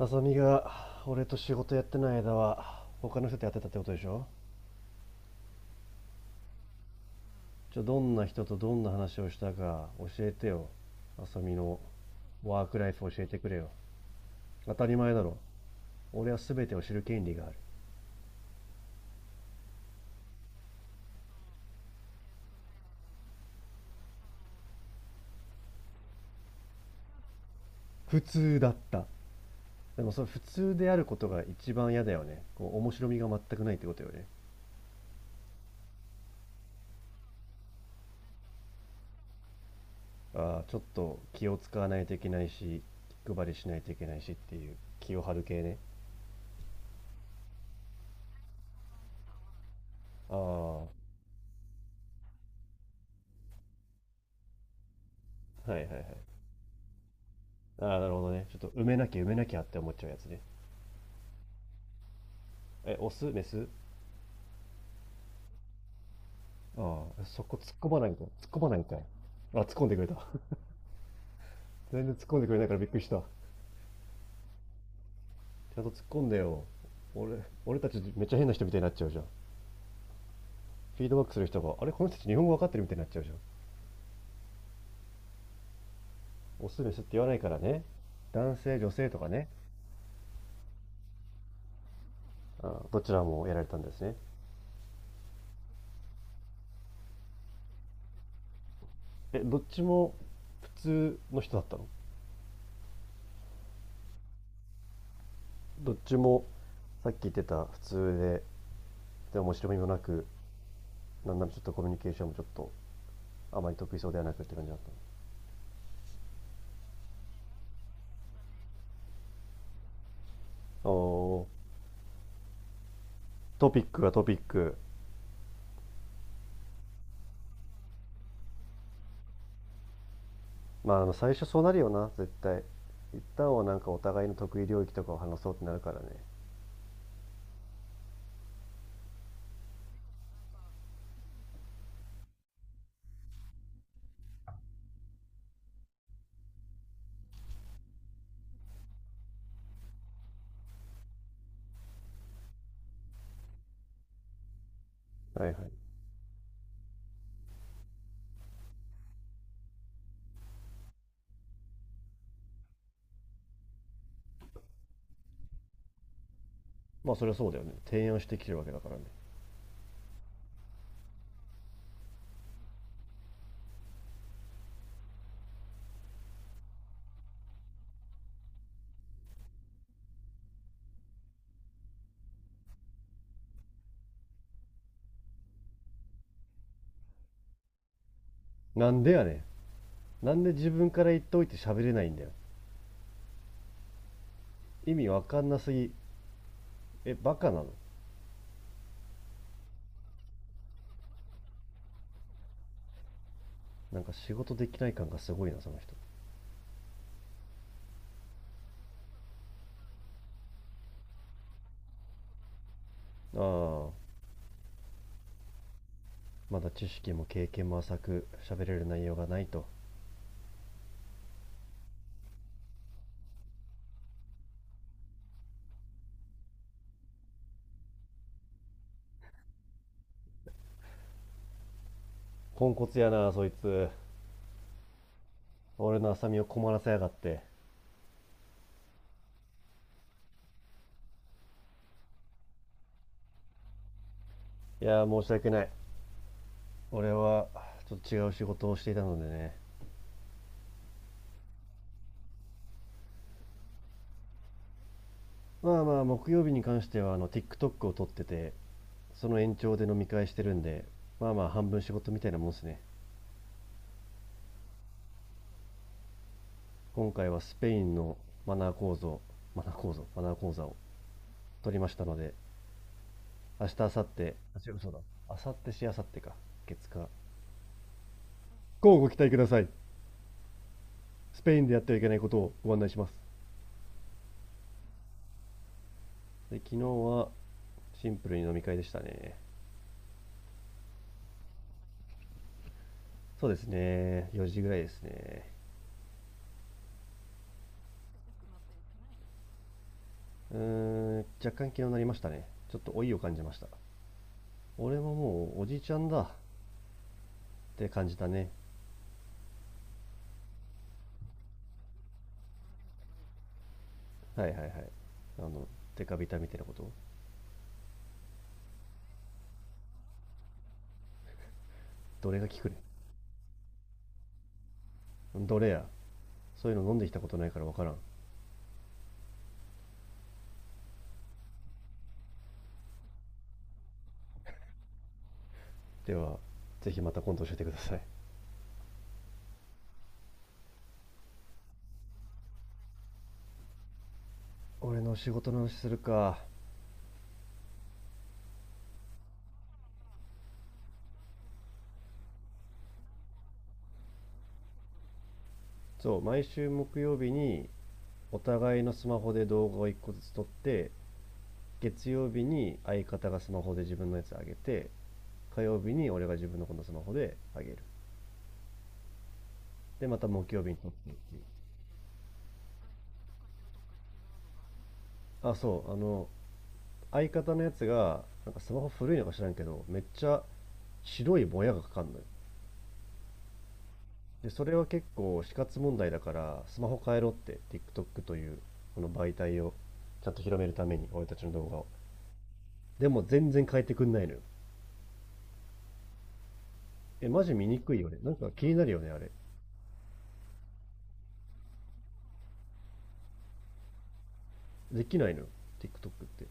あさみが俺と仕事やってない間は他の人とやってたってことでしょ。じゃあどんな人とどんな話をしたか教えてよ。あさみのワークライフ教えてくれよ。当たり前だろ。俺は全てを知る権利がある。普通だった？でもそれ普通であることが一番嫌だよね。こう面白みが全くないってことよね。ああ、ちょっと気を使わないといけないし、気配りしないといけないしっていう気を張る系ね。ああ、はいはいはい。ああ、なるほどね。ちょっと埋めなきゃ埋めなきゃって思っちゃうやつね。え、オスメス？ああ、そこ突っ込まないんかい。突っ込まないんかい。あ、突っ込んでくれた。全然突っ込んでくれないからびっくりした。ちゃんと突っ込んでよ。俺たちめっちゃ変な人みたいになっちゃうじゃん。フィードバックする人が、あれ、この人たち日本語わかってるみたいになっちゃうじゃん。オスメスって言わないからね。男性、女性とかね。ああ、どちらもやられたんですね。え、どっちも普通の人だったの？どっちもさっき言ってた普通で、で面白みもなく、なんならちょっとコミュニケーションもちょっとあまり得意そうではなくって感じだったの。おー、トピックがトピック。まあ、あの最初そうなるよな、絶対。一旦はなんかお互いの得意領域とかを話そうってなるからね。はいはい。まあ、それはそうだよね。提案してきてるわけだからね。なんでやねん。なんで自分から言っといて喋れないんだよ。意味わかんなすぎ。え、バカなの？なんか仕事できない感がすごいな、その人。ああ、まだ知識も経験も浅く、喋れる内容がないと。ポンコツやな、そいつ。俺の浅見を困らせやがって。いやー、申し訳ない。俺はちょっと違う仕事をしていたのでね。まあまあ木曜日に関してはあの TikTok を撮ってて、その延長で飲み会してるんで、まあまあ半分仕事みたいなもんですね。今回はスペインのマナー講座、マナー講座を取りましたので、明日明後日、あ違う、そうだ、明後日か、月火。こうご期待ください。スペインでやってはいけないことをご案内します。で昨日はシンプルに飲み会でしたね。そうですね、4時ぐらいですね。うーん、若干気になりましたね。ちょっと老いを感じました。俺ももうおじいちゃんだって感じたね。はいはいはい。あの、デカビタみたいなこと？どれが効くねどれや。そういうの飲んできたことないからわからん。では、ぜひまた今度教えてください。俺の仕事の話するか。そう、毎週木曜日にお互いのスマホで動画を1個ずつ撮って、月曜日に相方がスマホで自分のやつあげて、火曜日に俺が自分のこのスマホであげる。で、また木曜日に撮ってっていう。あ、そう、相方のやつが、なんかスマホ古いのか知らんけど、めっちゃ白いぼやがかかんのよ。で、それは結構死活問題だから、スマホ変えろって、TikTok という、この媒体をちゃんと広めるために、俺たちの動画を。でも全然変えてくんないのよ。え、マジ見にくいよね。なんか気になるよね、あれ。できないのよ、TikTok って。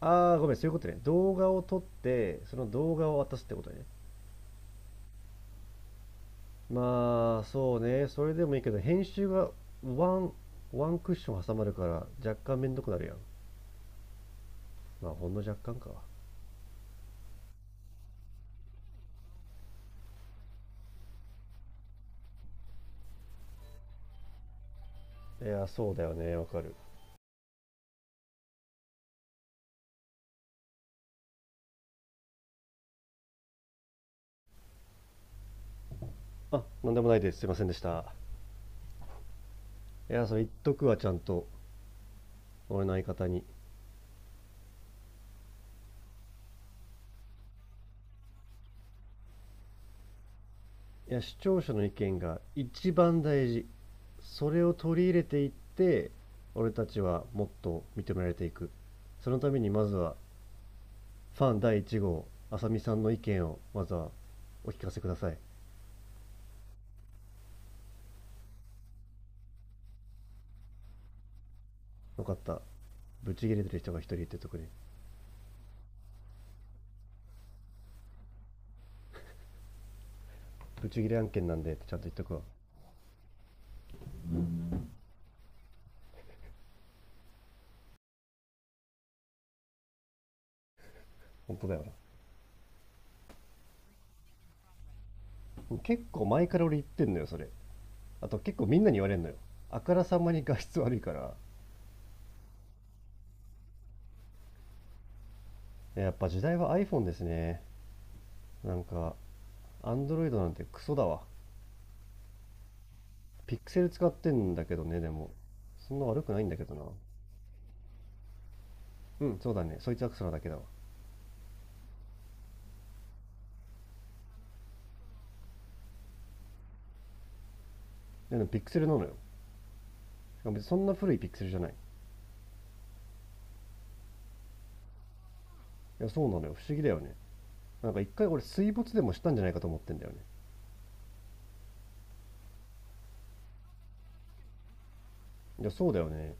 あー、ごめん、そういうことね。動画を撮って、その動画を渡すってことね。まあそうね、それでもいいけど編集がワンワンクッション挟まるから若干めんどくなるやん。まあほんの若干か。いやそうだよね、わかる。あ、なんでもないです、すいませんでした。いや、それ言っとくわ、ちゃんと。俺の相方に。いや、視聴者の意見が一番大事。それを取り入れていって俺たちはもっと認められていく。そのためにまずはファン第1号あさみさんの意見をまずはお聞かせください。よかった。ブチギレてる人が一人言ってとくれ。ブチギレ案件なんでってちゃんと言っとくわ。本当だよな。結構前から俺言ってんのよ、それ。あと結構みんなに言われんのよ。あからさまに画質悪いから。やっぱ時代は iPhone ですね。なんか、Android なんてクソだわ。ピクセル使ってんだけどね、でも。そんな悪くないんだけどな。うん、そうだね。そいつはクソなだけだわ。でもピクセルなのよ。しかも別にそんな古いピクセルじゃない。いや、そうなのよ。不思議だよね。なんか一回俺水没でもしたんじゃないかと思ってんだよね。いや、そうだよね。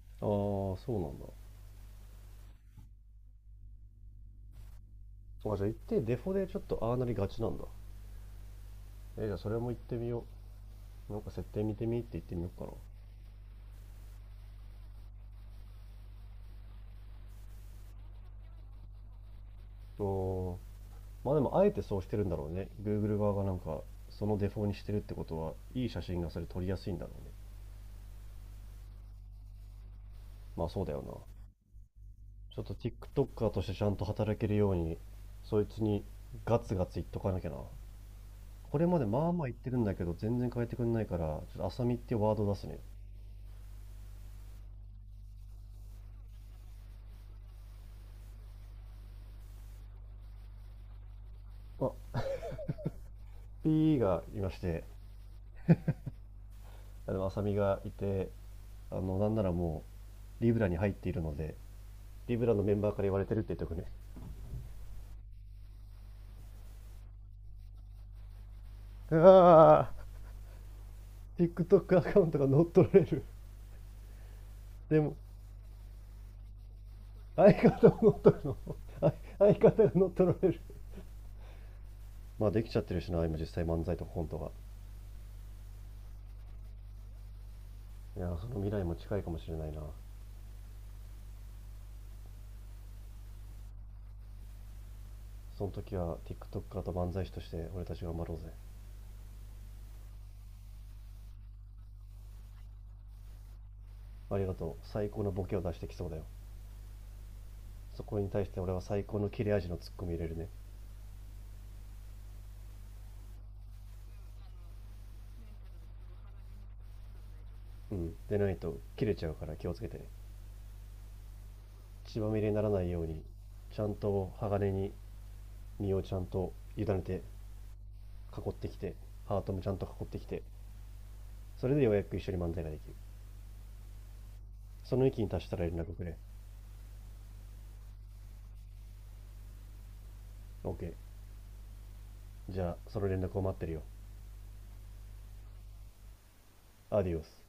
ああ、そうなんだ。そうか、じゃあ行ってデフォでちょっとああなりがちなんだ。え、じゃあそれも行ってみよう。なんか設定見てみって言ってみようかな。おー、まあでもあえてそうしてるんだろうね。Google 側がなんかそのデフォにしてるってことは、いい写真がそれ撮りやすいんだろうね。まあそうだよな。ちょっと TikToker としてちゃんと働けるように、そいつにガツガツ言っとかなきゃな。これまでまあまあ言ってるんだけど、全然変えてくんないから、ちょっと浅見っていうワードを出すね。あ、P がいまして、あでも浅見がいて、あのなんならもうリブラに入っているので、リブラのメンバーから言われてるって言っておくね。ああ、 TikTok アカウントが乗っ取られる？でも相方が乗っ取るの？あ 相方が乗っ取られる。まあできちゃってるしな、今実際漫才とコントが。いや、その未来も近いかもしれないな。その時は TikToker と漫才師として俺たち頑張ろうぜ。ありがとう、最高のボケを出してきそうだよ。そこに対して俺は最高の切れ味のツッコミ入れるね。うんでないと切れちゃうから気をつけてね。血まみれにならないようにちゃんと鋼に身をちゃんと委ねて、囲ってきて、ハートもちゃんと囲ってきて、それでようやく一緒に漫才ができる。その域に達したら連絡くれ。 OK、 じゃあその連絡を待ってるよ。アディオス。